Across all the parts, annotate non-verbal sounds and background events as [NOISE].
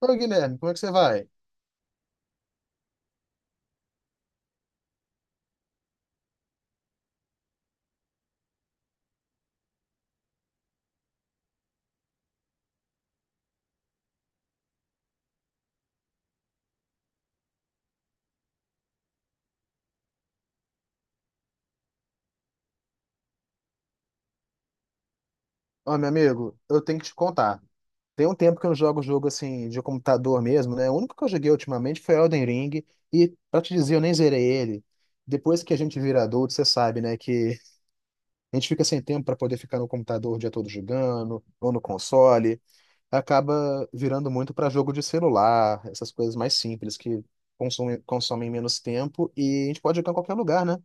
Ô, Guilherme, como é que você vai? Ó, meu amigo, eu tenho que te contar. Tem um tempo que eu não jogo jogo assim de computador mesmo, né? O único que eu joguei ultimamente foi Elden Ring, e pra te dizer, eu nem zerei ele. Depois que a gente vira adulto, você sabe, né, que a gente fica sem tempo pra poder ficar no computador o dia todo jogando, ou no console, acaba virando muito pra jogo de celular, essas coisas mais simples que consomem menos tempo e a gente pode jogar em qualquer lugar, né?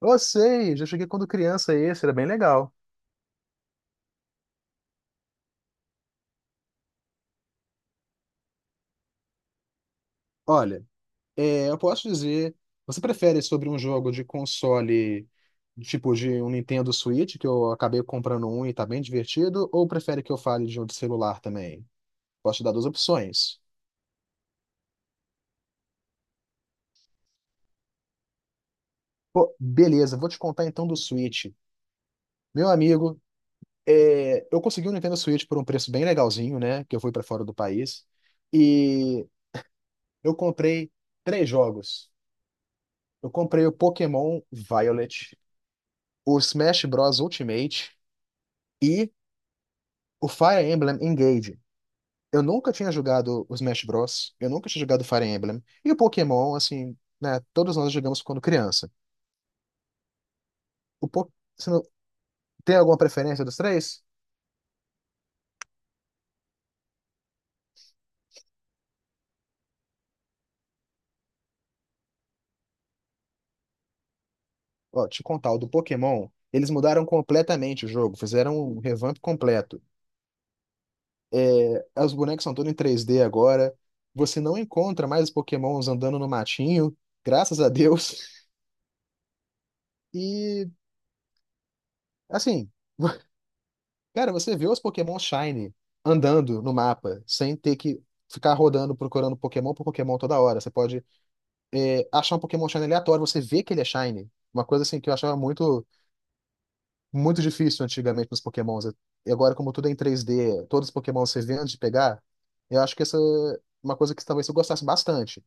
Eu sei, já joguei quando criança esse, era bem legal. Olha, eu posso dizer, você prefere sobre um jogo de console, tipo de um Nintendo Switch, que eu acabei comprando um e tá bem divertido, ou prefere que eu fale de um de celular também? Posso te dar duas opções. Pô, beleza, vou te contar então do Switch. Meu amigo, eu consegui um Nintendo Switch por um preço bem legalzinho, né? Que eu fui pra fora do país. E eu comprei três jogos. Eu comprei o Pokémon Violet, o Smash Bros. Ultimate e o Fire Emblem Engage. Eu nunca tinha jogado o Smash Bros. Eu nunca tinha jogado Fire Emblem. E o Pokémon, assim, né? Todos nós jogamos quando criança. O po... Você não... Tem alguma preferência dos três? Ó, te contar, o do Pokémon, eles mudaram completamente o jogo, fizeram um revamp completo. Os bonecos são todos em 3D agora. Você não encontra mais os Pokémons andando no matinho, graças a Deus. [LAUGHS] E, assim. Cara, você vê os Pokémon Shiny andando no mapa, sem ter que ficar rodando, procurando Pokémon por Pokémon toda hora. Você pode achar um Pokémon Shiny aleatório, você vê que ele é Shiny. Uma coisa assim que eu achava muito, muito difícil antigamente nos Pokémons. E agora, como tudo é em três d, todos os Pokémon você vê antes de pegar, eu acho que essa é uma coisa que talvez eu gostasse bastante.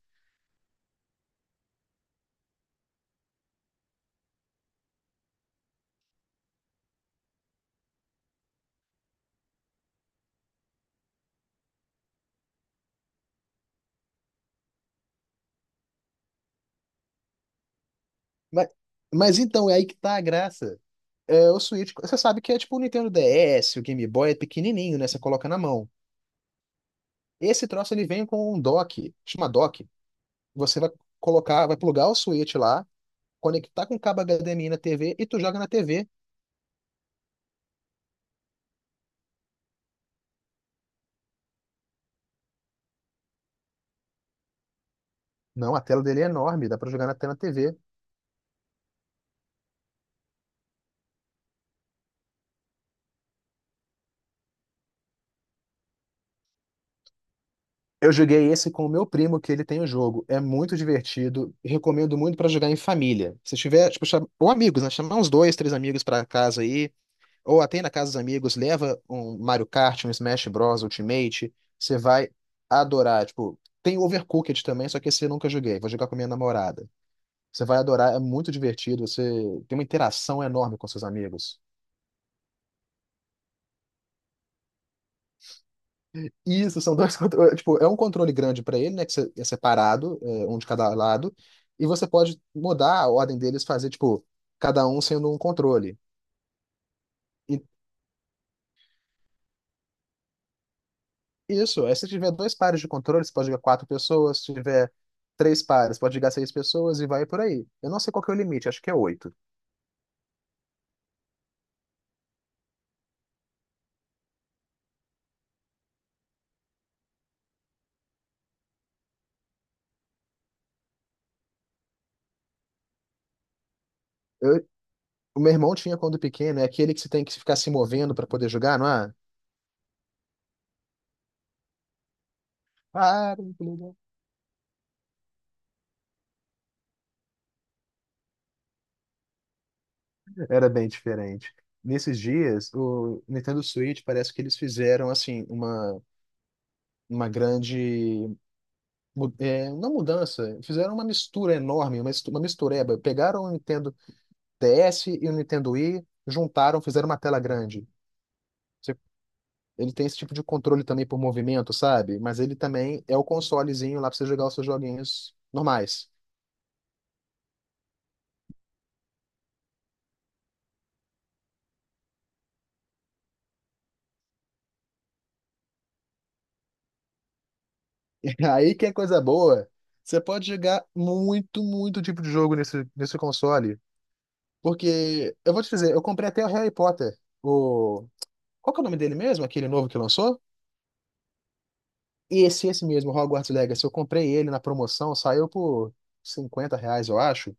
Mas, mas então, é aí que tá a graça. O Switch, você sabe que é tipo o Nintendo DS, o Game Boy é pequenininho, né? Você coloca na mão. Esse troço ele vem com um dock, chama dock. Você vai colocar, vai plugar o switch lá, conectar com o cabo HDMI na TV e tu joga na TV. Não, a tela dele é enorme, dá pra jogar na tela na TV. Eu joguei esse com o meu primo, que ele tem o jogo. É muito divertido. Recomendo muito pra jogar em família. Se tiver, tipo, ou amigos, né? Chamar uns dois, três amigos pra casa aí. Ou até ir na casa dos amigos, leva um Mario Kart, um Smash Bros. Ultimate. Você vai adorar. Tipo, tem Overcooked também, só que esse eu nunca joguei. Vou jogar com a minha namorada. Você vai adorar, é muito divertido, você tem uma interação enorme com seus amigos. Isso, são dois [LAUGHS] controles. Tipo, é um controle grande para ele, né? Que você- é separado, é, um de cada lado. E você pode mudar a ordem deles, fazer, tipo, cada um sendo um controle. E isso, aí se tiver dois pares de controles, você pode jogar quatro pessoas. Se tiver três pares, pode jogar seis pessoas e vai por aí. Eu não sei qual que é o limite, acho que é oito. Eu- o meu irmão tinha quando pequeno, é aquele que você tem que ficar se movendo para poder jogar, não é? Ah, era bem diferente. Nesses dias, o Nintendo Switch parece que eles fizeram assim uma grande mu- é, não mudança, fizeram uma mistura enorme, uma mistureba. Pegaram o Nintendo DS e o Nintendo Wii, juntaram, fizeram uma tela grande. Você- Ele tem esse tipo de controle também por movimento, sabe? Mas ele também é o consolezinho lá pra você jogar os seus joguinhos normais. [LAUGHS] Aí que é coisa boa. Você pode jogar muito, muito tipo de jogo nesse console. Porque, eu vou te dizer, eu comprei até o Harry Potter. O... Qual que é o nome dele mesmo? Aquele novo que lançou? Esse mesmo, Hogwarts Legacy. Eu comprei ele na promoção, saiu por 50 reais, eu acho.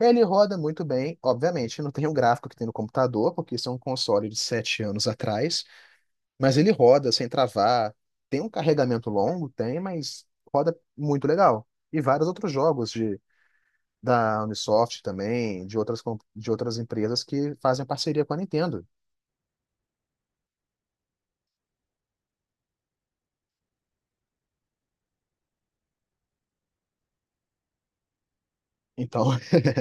Ele roda muito bem, obviamente, não tem o gráfico que tem no computador, porque isso é um console de 7 anos atrás, mas ele roda sem travar. Tem um carregamento longo, tem, mas roda muito legal. E vários outros jogos da Ubisoft também, de outras, de outras empresas que fazem parceria com a Nintendo. Então,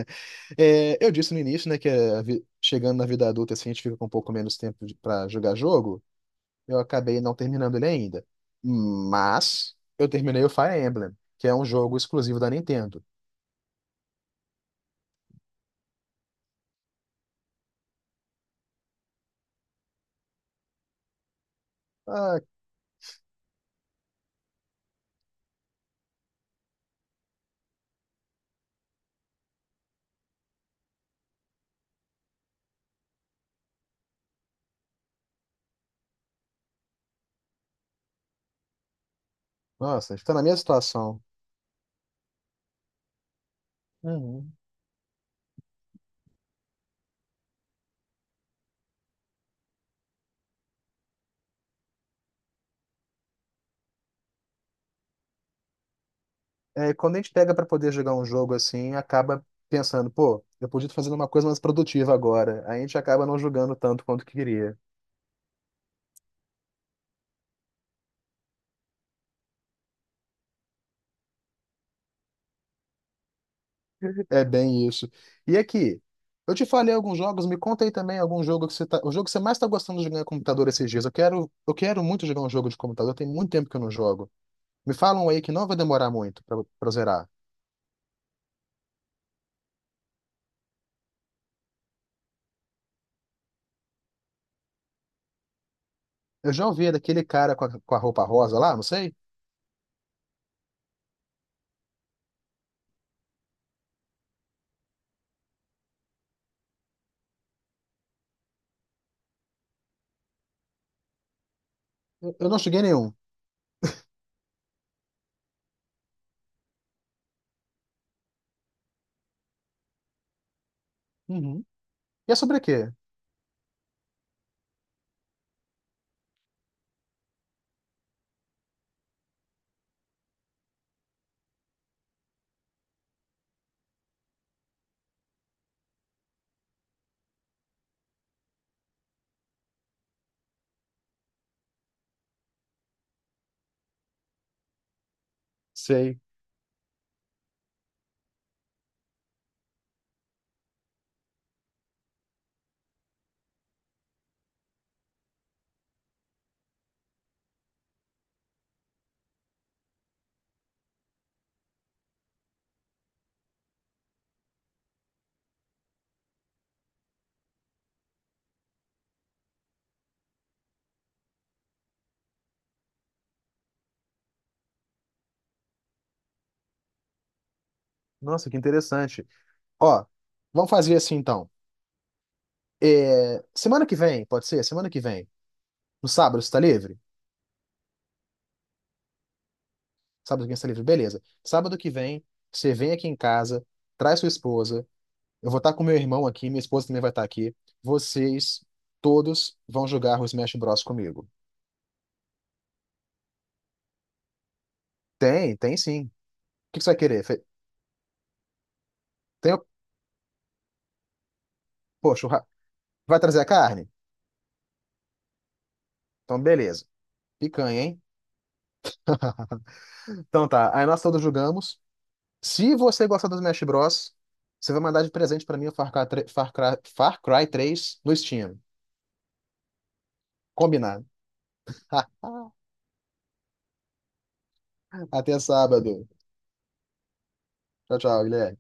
[LAUGHS] eu disse no início, né, que a chegando na vida adulta, assim, a gente fica com um pouco menos tempo para jogar jogo. Eu acabei não terminando ele ainda. Mas eu terminei o Fire Emblem, que é um jogo exclusivo da Nintendo. Ah, nossa, está na minha situação. Uhum. É, quando a gente pega para poder jogar um jogo assim, acaba pensando, pô, eu podia estar fazendo uma coisa mais produtiva agora. Aí a gente acaba não jogando tanto quanto queria. É bem isso. E aqui, eu te falei alguns jogos, me conta aí também algum jogo que você tá, o jogo que você mais tá gostando de jogar no computador esses dias. Eu quero muito jogar um jogo de computador, tem muito tempo que eu não jogo. Me falam aí que não vai demorar muito pra zerar. Eu já ouvi daquele cara com a roupa rosa lá, não sei? Eu não cheguei nenhum. Uhum. E é sobre quê? Sei. Nossa, que interessante. Ó, vamos fazer assim então. É, semana que vem, pode ser? Semana que vem. No sábado, você tá livre? Sábado que vem você está livre. Beleza. Sábado que vem, você vem aqui em casa, traz sua esposa. Eu vou estar com meu irmão aqui, minha esposa também vai estar aqui. Vocês todos vão jogar o Smash Bros comigo. Tem, tem sim. O que que você vai querer? Tem, pô, churra... Vai trazer a carne? Então, beleza. Picanha, hein? Então tá, aí nós todos jogamos. Se você gostar do Smash Bros, você vai mandar de presente pra mim o Far Cry, tre- Far Cry, Far Cry 3 no Steam. Combinado. [LAUGHS] Até sábado. Tchau, tchau, Guilherme.